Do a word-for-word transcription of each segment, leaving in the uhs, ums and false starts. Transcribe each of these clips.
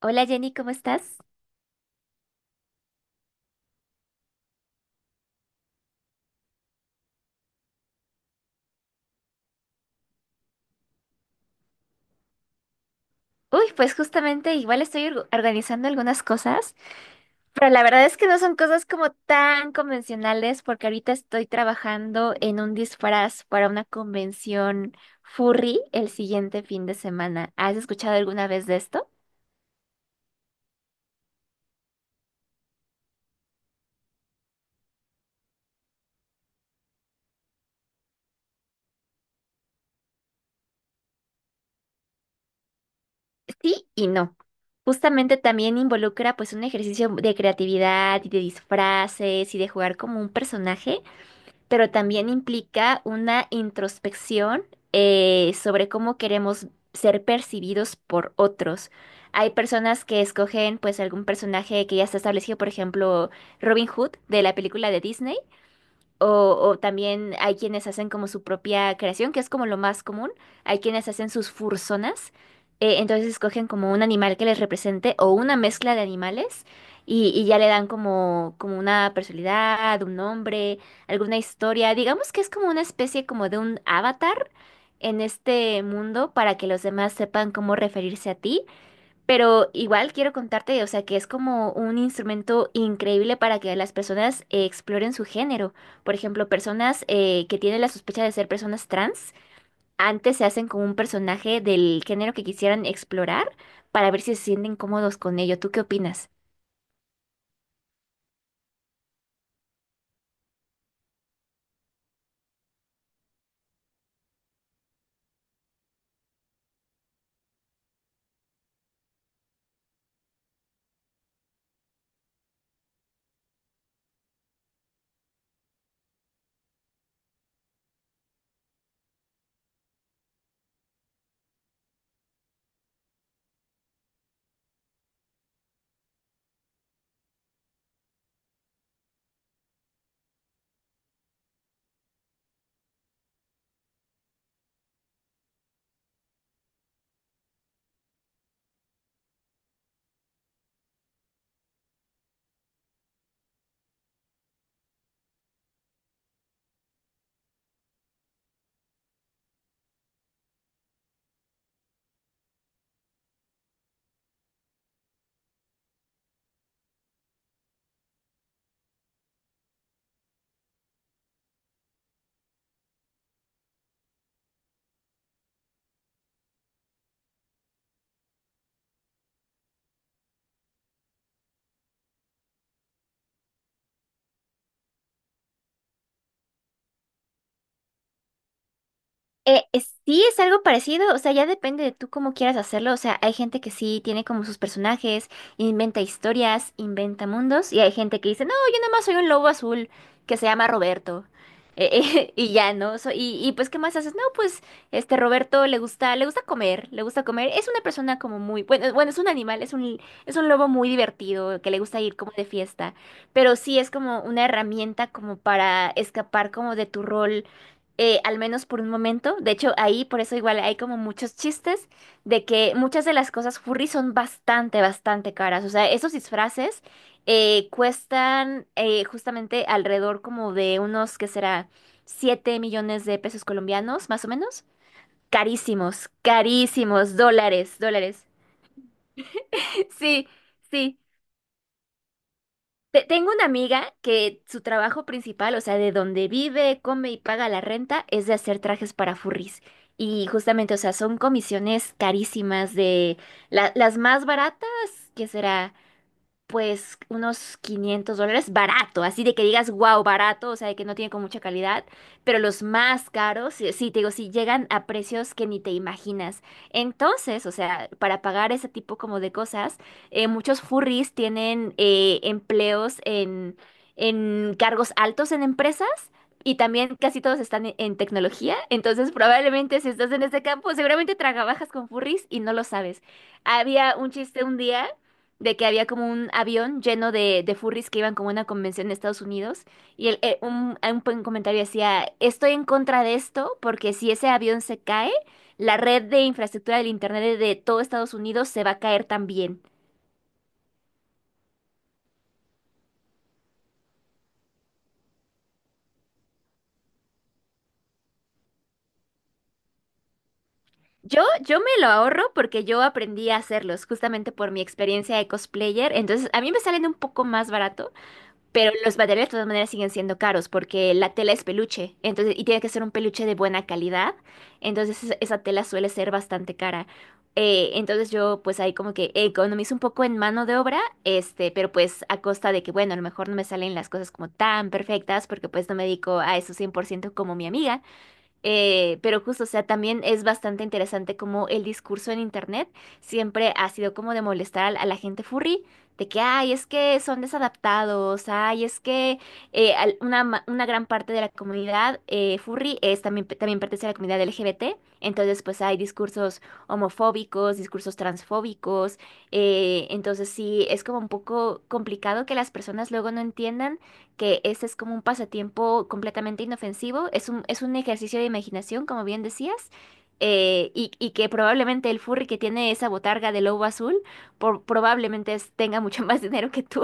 Hola Jenny, ¿cómo estás? Uy, pues justamente igual estoy org- organizando algunas cosas, pero la verdad es que no son cosas como tan convencionales porque ahorita estoy trabajando en un disfraz para una convención furry el siguiente fin de semana. ¿Has escuchado alguna vez de esto? Sí y no. Justamente también involucra pues un ejercicio de creatividad y de disfraces y de jugar como un personaje, pero también implica una introspección eh, sobre cómo queremos ser percibidos por otros. Hay personas que escogen pues algún personaje que ya está establecido, por ejemplo, Robin Hood de la película de Disney o, o también hay quienes hacen como su propia creación, que es como lo más común. Hay quienes hacen sus fursonas. Eh, entonces escogen como un animal que les represente o una mezcla de animales y, y ya le dan como, como una personalidad, un nombre, alguna historia. Digamos que es como una especie como de un avatar en este mundo para que los demás sepan cómo referirse a ti. Pero igual quiero contarte, o sea, que es como un instrumento increíble para que las personas eh, exploren su género. Por ejemplo, personas eh, que tienen la sospecha de ser personas trans, antes se hacen con un personaje del género que quisieran explorar para ver si se sienten cómodos con ello. ¿Tú qué opinas? Eh, es- sí, es algo parecido, o sea, ya depende de tú cómo quieras hacerlo, o sea, hay gente que sí tiene como sus personajes, inventa historias, inventa mundos, y hay gente que dice, no, yo nada más soy un lobo azul que se llama Roberto. Eh, eh, y ya, ¿no? So- y, y pues, ¿qué más haces? No, pues, este Roberto le gusta, le gusta comer, le gusta comer, es una persona como muy, bueno, bueno, es un animal, es un, es un lobo muy divertido, que le gusta ir como de fiesta, pero sí es como una herramienta como para escapar como de tu rol eh, al menos por un momento. De hecho, ahí por eso igual hay como muchos chistes de que muchas de las cosas furry son bastante, bastante caras. O sea, esos disfraces eh, cuestan eh, justamente alrededor como de unos, ¿qué será? Siete millones de pesos colombianos, más o menos. Carísimos, carísimos, dólares, dólares. Sí, sí. Te- Tengo una amiga que su trabajo principal, o sea, de donde vive, come y paga la renta, es de hacer trajes para furries. Y justamente, o sea, son comisiones carísimas de la- las más baratas, ¿que será? Pues unos quinientos dólares, barato, así de que digas, wow, barato, o sea, de que no tiene con mucha calidad, pero los más caros, sí, sí, te digo, sí llegan a precios que ni te imaginas. Entonces, o sea, para pagar ese tipo como de cosas, eh, muchos furries tienen eh, empleos en, en cargos altos en empresas. Y también casi todos están en, en tecnología, entonces probablemente si estás en este campo, seguramente trabajas con furries y no lo sabes. Había un chiste un día de que había como un avión lleno de, de furries que iban como a una convención de Estados Unidos y el, eh, un, un buen comentario decía, estoy en contra de esto porque si ese avión se cae, la red de infraestructura del Internet de todo Estados Unidos se va a caer también. Yo, yo me lo ahorro porque yo aprendí a hacerlos justamente por mi experiencia de cosplayer, entonces a mí me salen un poco más baratos. Pero los materiales de todas maneras siguen siendo caros porque la tela es peluche, entonces, y tiene que ser un peluche de buena calidad, entonces esa esa tela suele ser bastante cara. Eh, entonces yo pues ahí como que economizo un poco en mano de obra, este, pero pues a costa de que, bueno, a lo mejor no me salen las cosas como tan perfectas porque pues no me dedico a eso cien por ciento como mi amiga. Eh, pero justo, o sea, también es bastante interesante como el discurso en internet siempre ha sido como de molestar al- a, la gente furry, de que, ay, es que son desadaptados, ay, es que eh, al- una, ma- una gran parte de la comunidad eh, furry es también, también pertenece a la comunidad L G B T, entonces pues hay discursos homofóbicos, discursos transfóbicos. Eh, entonces sí, es como un poco complicado que las personas luego no entiendan que ese es como un pasatiempo completamente inofensivo, es un, es un ejercicio de imaginación, como bien decías, eh, y, y que probablemente el furry que tiene esa botarga de lobo azul por- probablemente es- tenga mucho más dinero que tú.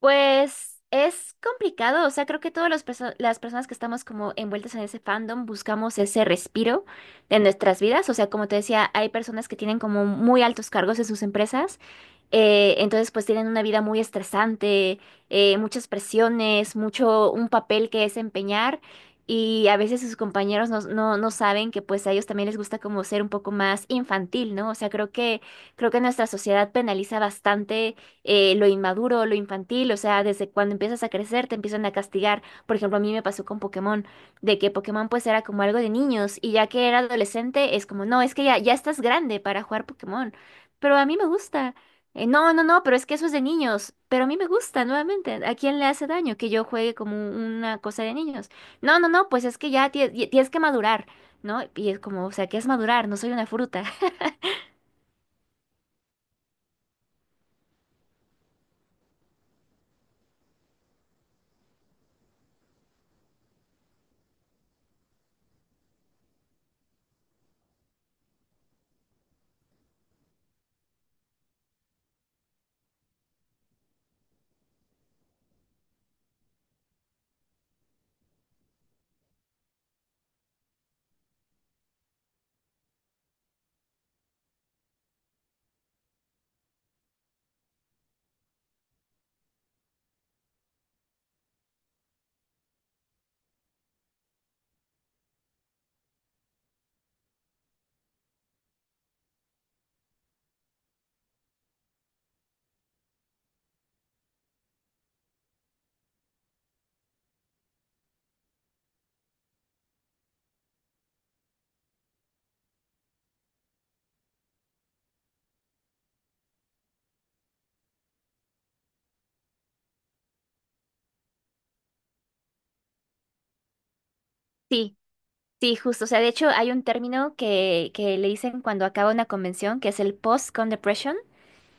Pues es complicado, o sea, creo que todas las perso- las personas que estamos como envueltas en ese fandom buscamos ese respiro de nuestras vidas, o sea, como te decía, hay personas que tienen como muy altos cargos en sus empresas. Eh, entonces, pues tienen una vida muy estresante, eh, muchas presiones, mucho un papel que desempeñar y a veces sus compañeros no, no, no saben que pues a ellos también les gusta como ser un poco más infantil, ¿no? O sea, creo que, creo que nuestra sociedad penaliza bastante eh, lo inmaduro, lo infantil, o sea, desde cuando empiezas a crecer te empiezan a castigar. Por ejemplo, a mí me pasó con Pokémon, de que Pokémon pues era como algo de niños y ya que era adolescente es como, no, es que ya, ya estás grande para jugar Pokémon, pero a mí me gusta. Eh, no, no, no, pero es que eso es de niños. Pero a mí me gusta, nuevamente. ¿A quién le hace daño que yo juegue como una cosa de niños? No, no, no, pues es que ya tie- ya tienes que madurar, ¿no? Y es como, o sea, ¿qué es madurar? No soy una fruta. Sí, sí, justo. O sea, de hecho, hay un término que, que le dicen cuando acaba una convención, que es el post-con depression.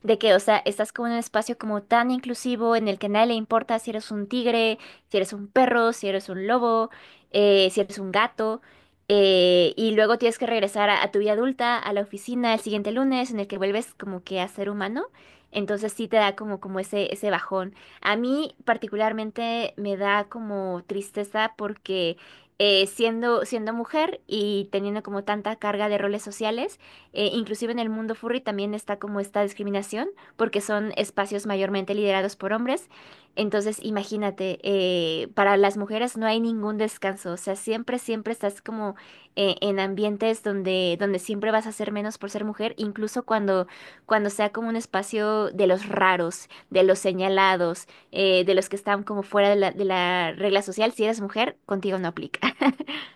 De que, o sea, estás como en un espacio como tan inclusivo en el que a nadie le importa si eres un tigre, si eres un perro, si eres un lobo, eh, si eres un gato, eh, y luego tienes que regresar a, a tu vida adulta, a la oficina el siguiente lunes en el que vuelves como que a ser humano. Entonces sí te da como, como ese, ese bajón. A mí particularmente me da como tristeza porque eh, siendo, siendo mujer y teniendo como tanta carga de roles sociales, eh, inclusive en el mundo furry también está como esta discriminación, porque son espacios mayormente liderados por hombres. Entonces, imagínate, eh, para las mujeres no hay ningún descanso, o sea, siempre, siempre estás como eh, en ambientes donde, donde siempre vas a ser menos por ser mujer, incluso cuando, cuando sea como un espacio de los raros, de los señalados, eh, de los que están como fuera de la, de la regla social, si eres mujer, contigo no aplica.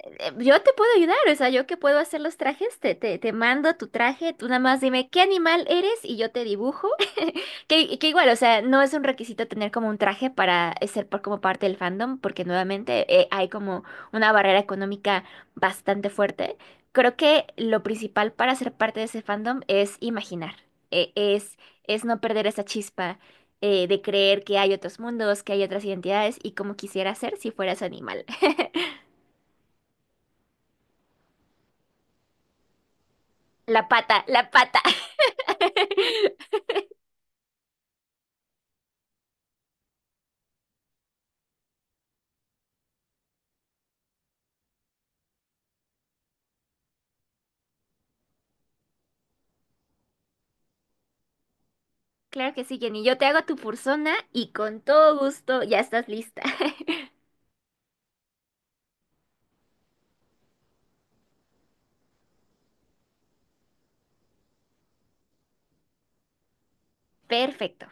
eh, Yo te puedo ayudar, o sea, yo que puedo hacer los trajes, te, te, te mando tu traje, tú nada más dime qué animal eres y yo te dibujo. Que, que igual, o sea, no es un requisito tener como un traje para ser por, como parte del fandom, porque nuevamente eh, hay como una barrera económica bastante fuerte. Creo que lo principal para ser parte de ese fandom es imaginar, eh, es, es no perder esa chispa eh, de creer que hay otros mundos, que hay otras identidades y como quisiera ser si fueras animal. La pata, la pata. Claro que sí, Jenny. Yo te hago tu persona y con todo gusto ya estás lista. Perfecto.